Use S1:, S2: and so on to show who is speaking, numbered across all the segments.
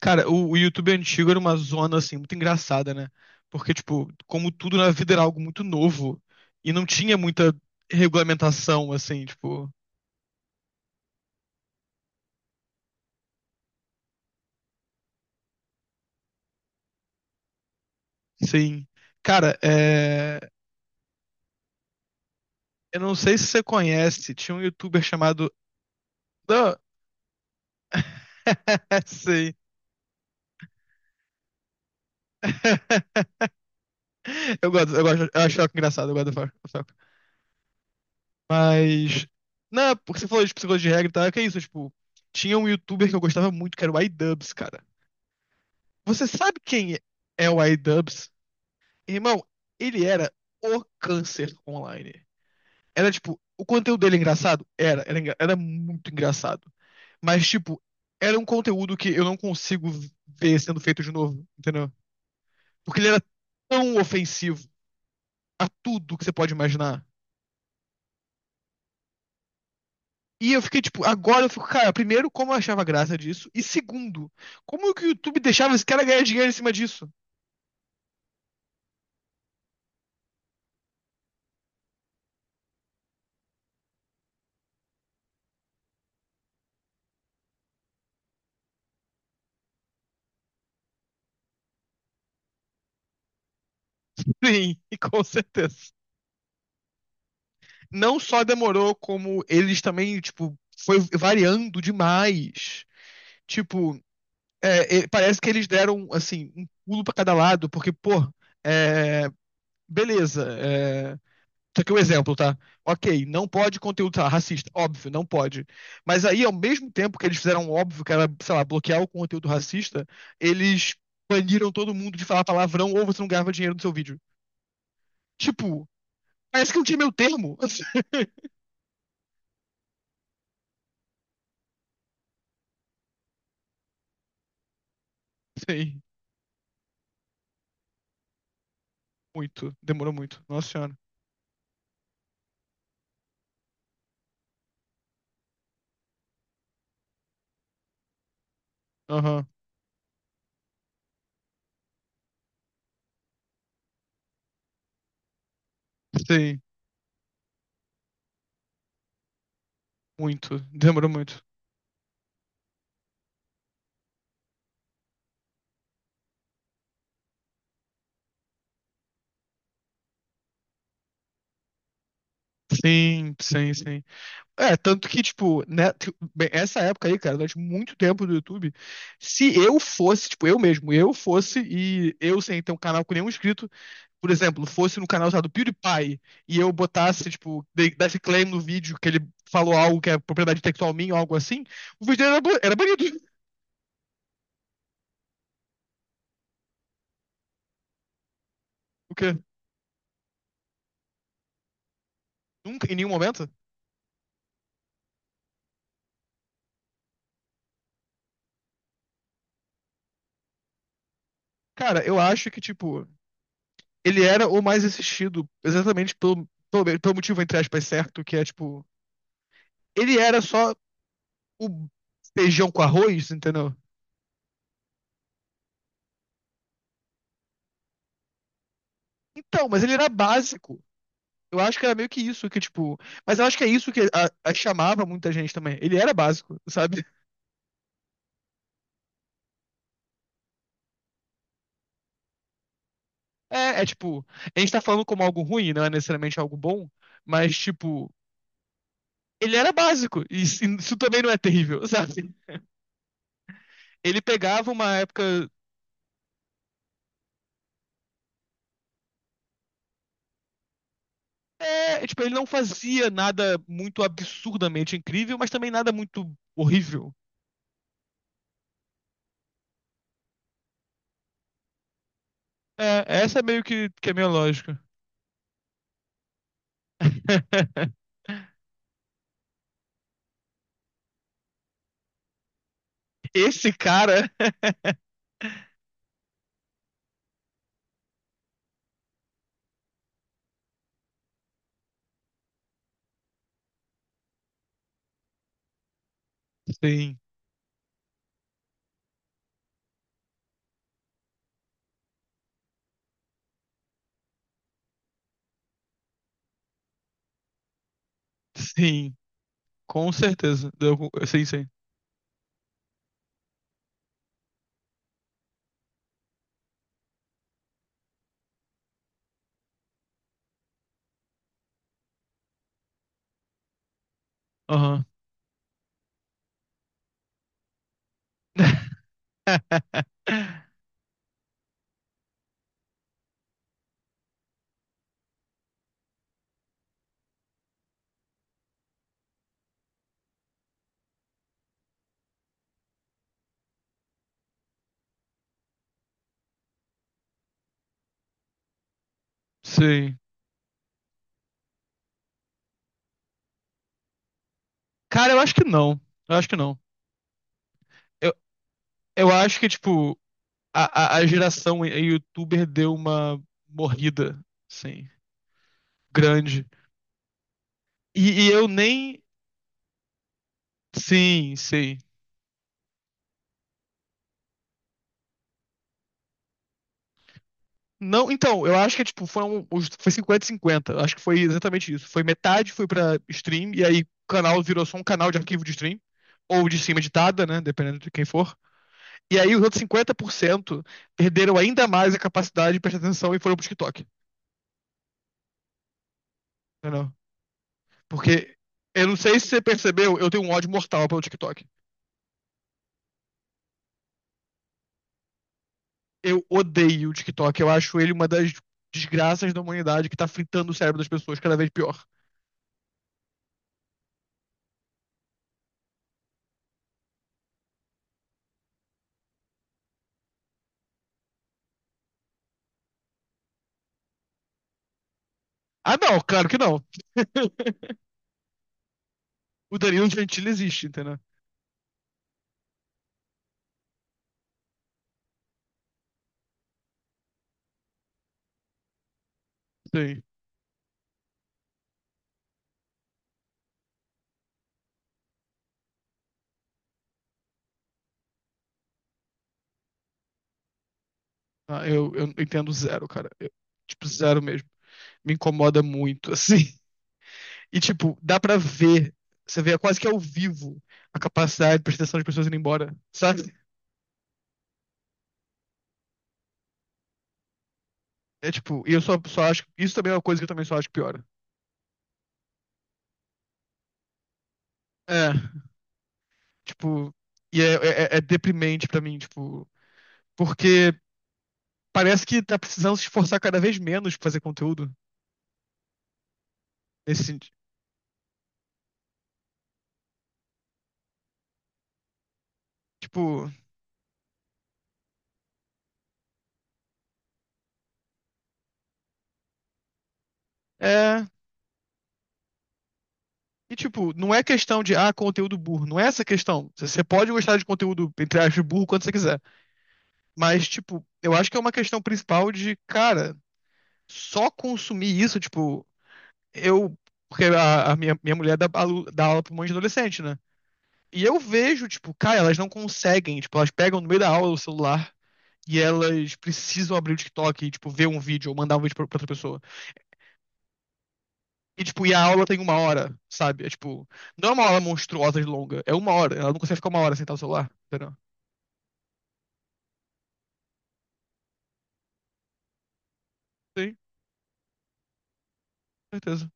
S1: Cara, o YouTube antigo era uma zona, assim, muito engraçada, né? Porque, tipo, como tudo na vida era algo muito novo e não tinha muita regulamentação, assim, tipo, sim. Cara, é... eu não sei se você conhece, tinha um YouTuber chamado. Não, sim. Eu gosto, eu gosto, eu acho ela engraçado, eu gosto do Falco, do Falco. Mas. Não, é porque você falou de psicologia de regra e tal, é que é isso, tipo, tinha um YouTuber que eu gostava muito, que era o iDubbbz, cara. Você sabe quem é o iDubbbz? Irmão, ele era o câncer online. Era tipo, o conteúdo dele é engraçado? Era, era muito engraçado. Mas, tipo, era um conteúdo que eu não consigo ver sendo feito de novo, entendeu? Porque ele era tão ofensivo a tudo que você pode imaginar. E eu fiquei, tipo, agora eu fico, cara, primeiro, como eu achava graça disso? E segundo, como que o YouTube deixava esse cara ganhar dinheiro em cima disso? Sim, e com certeza. Não só demorou, como eles também, tipo, foi variando demais. Tipo, parece que eles deram, assim, um pulo pra cada lado, porque, pô, é, beleza. É, isso aqui é um exemplo, tá? Ok, não pode conteúdo sei lá, racista, óbvio, não pode. Mas aí, ao mesmo tempo que eles fizeram um óbvio que era, sei lá, bloquear o conteúdo racista, eles baniram todo mundo de falar palavrão ou você não ganhava dinheiro no seu vídeo. Tipo, parece que não tinha meu termo. Sim, muito. Demorou muito. Nossa senhora. Aham. Sim, muito. Demorou muito. Sim, sim, sim. É, tanto que, tipo, né, bem, essa época aí, cara, durante muito tempo do YouTube, se eu fosse, tipo, eu mesmo, eu fosse e eu sem ter um canal com nenhum inscrito, por exemplo, fosse no canal usado PewDiePie e eu botasse, tipo, desse claim no vídeo que ele falou algo que é propriedade intelectual minha ou algo assim, o vídeo era, era banido. O quê? Nunca, em nenhum momento. Cara, eu acho que, tipo, ele era o mais assistido exatamente pelo motivo, entre aspas, certo, que é, tipo, ele era só o feijão com arroz, entendeu? Então, mas ele era básico. Eu acho que era meio que isso, que tipo. Mas eu acho que é isso que chamava muita gente também. Ele era básico, sabe? É, é tipo. A gente tá falando como algo ruim, não é necessariamente algo bom, mas tipo. Ele era básico, e isso também não é terrível, sabe? Ele pegava uma época. É, tipo, ele não fazia nada muito absurdamente incrível, mas também nada muito horrível. É, essa é meio que é a minha lógica. Esse cara. Sim, sim, com certeza. Sim, sim. Aham. Sim. Cara, eu acho que não. Eu acho que não. Eu, eu acho que, tipo, a geração youtuber deu uma morrida, sim, grande. E eu nem. Sim, sim. Não, então, eu acho que tipo, foi 50 cinquenta. Eu acho que foi exatamente isso. Foi metade foi pra stream e aí o canal virou só um canal de arquivo de stream ou de cima editada, né, dependendo de quem for. E aí os outros 50% perderam ainda mais a capacidade de prestar atenção e foram pro TikTok, entendeu? Porque eu não sei se você percebeu, eu tenho um ódio mortal pelo TikTok. Eu odeio o TikTok, eu acho ele uma das desgraças da humanidade que tá fritando o cérebro das pessoas cada vez pior. Ah, não, claro que não. O Danilo Gentili existe, entendeu? Sim. Ah, eu entendo zero, cara. Eu, tipo, zero mesmo. Me incomoda muito, assim. E, tipo, dá pra ver. Você vê é quase que ao vivo a capacidade de prestação das pessoas indo embora, sabe? É tipo, e eu só acho. Isso também é uma coisa que eu também só acho que piora. É, tipo. E é deprimente pra mim, tipo. Porque parece que tá precisando se esforçar cada vez menos pra fazer conteúdo. Nesse sentido. Tipo. É. E, tipo, não é questão de, ah, conteúdo burro. Não é essa a questão. Você pode gostar de conteúdo, entre aspas, burro quando você quiser. Mas, tipo, eu acho que é uma questão principal de, cara, só consumir isso, tipo, eu. Porque a minha mulher dá aula pra um monte de adolescente, né? E eu vejo, tipo, cara, elas não conseguem. Tipo, elas pegam no meio da aula o celular e elas precisam abrir o TikTok e, tipo, ver um vídeo ou mandar um vídeo pra outra pessoa. E, tipo, e a aula tem uma hora, sabe? É tipo, não é uma aula monstruosa de longa, é uma hora. Ela não consegue ficar uma hora sentada no celular, entendeu? Sim, certeza.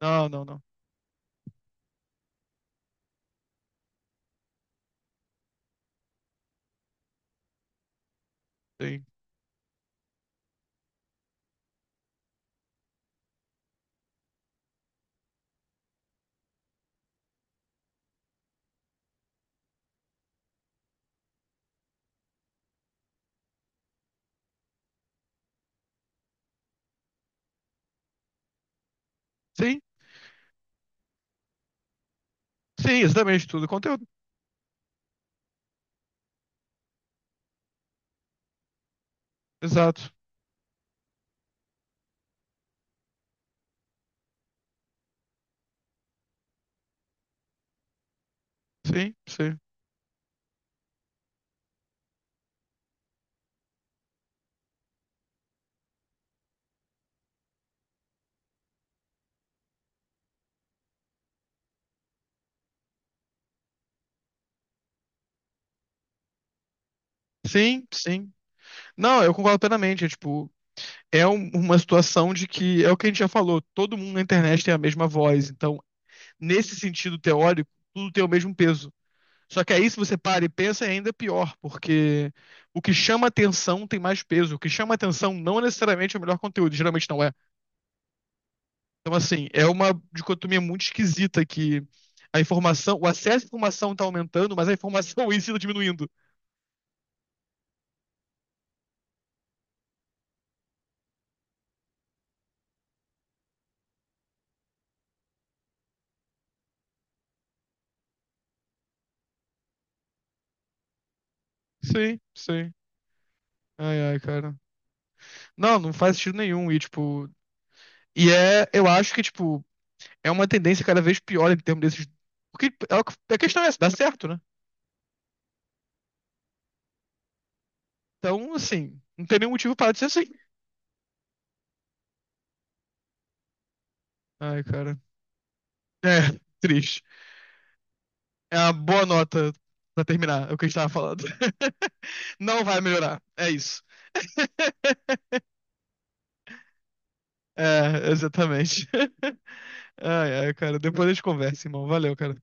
S1: Não, não, não. Sim. Sim, sim, exatamente, tudo é conteúdo. Exato. Sim, sim. Sim, sim. Não, eu concordo plenamente. É, tipo, uma situação de que é o que a gente já falou, todo mundo na internet tem a mesma voz. Então, nesse sentido teórico, tudo tem o mesmo peso. Só que aí, se você para e pensa, é ainda pior, porque o que chama atenção tem mais peso. O que chama atenção não é necessariamente é o melhor conteúdo, geralmente não é. Então, assim, é uma dicotomia muito esquisita que a informação, o acesso à informação está aumentando, mas a informação em si tá diminuindo. Sim, sim. Ai, ai, cara. Não, não faz sentido nenhum. E, tipo, e é, eu acho que, tipo, é uma tendência cada vez pior em termos desses. Porque é a questão é essa, dá certo, né? Então, assim, não tem nenhum motivo para ser assim. Ai, cara. É, triste. É uma boa nota pra terminar é o que a gente tava falando. Não vai melhorar. É isso. É, exatamente. Ai, ai, cara. Depois a gente conversa, irmão. Valeu, cara.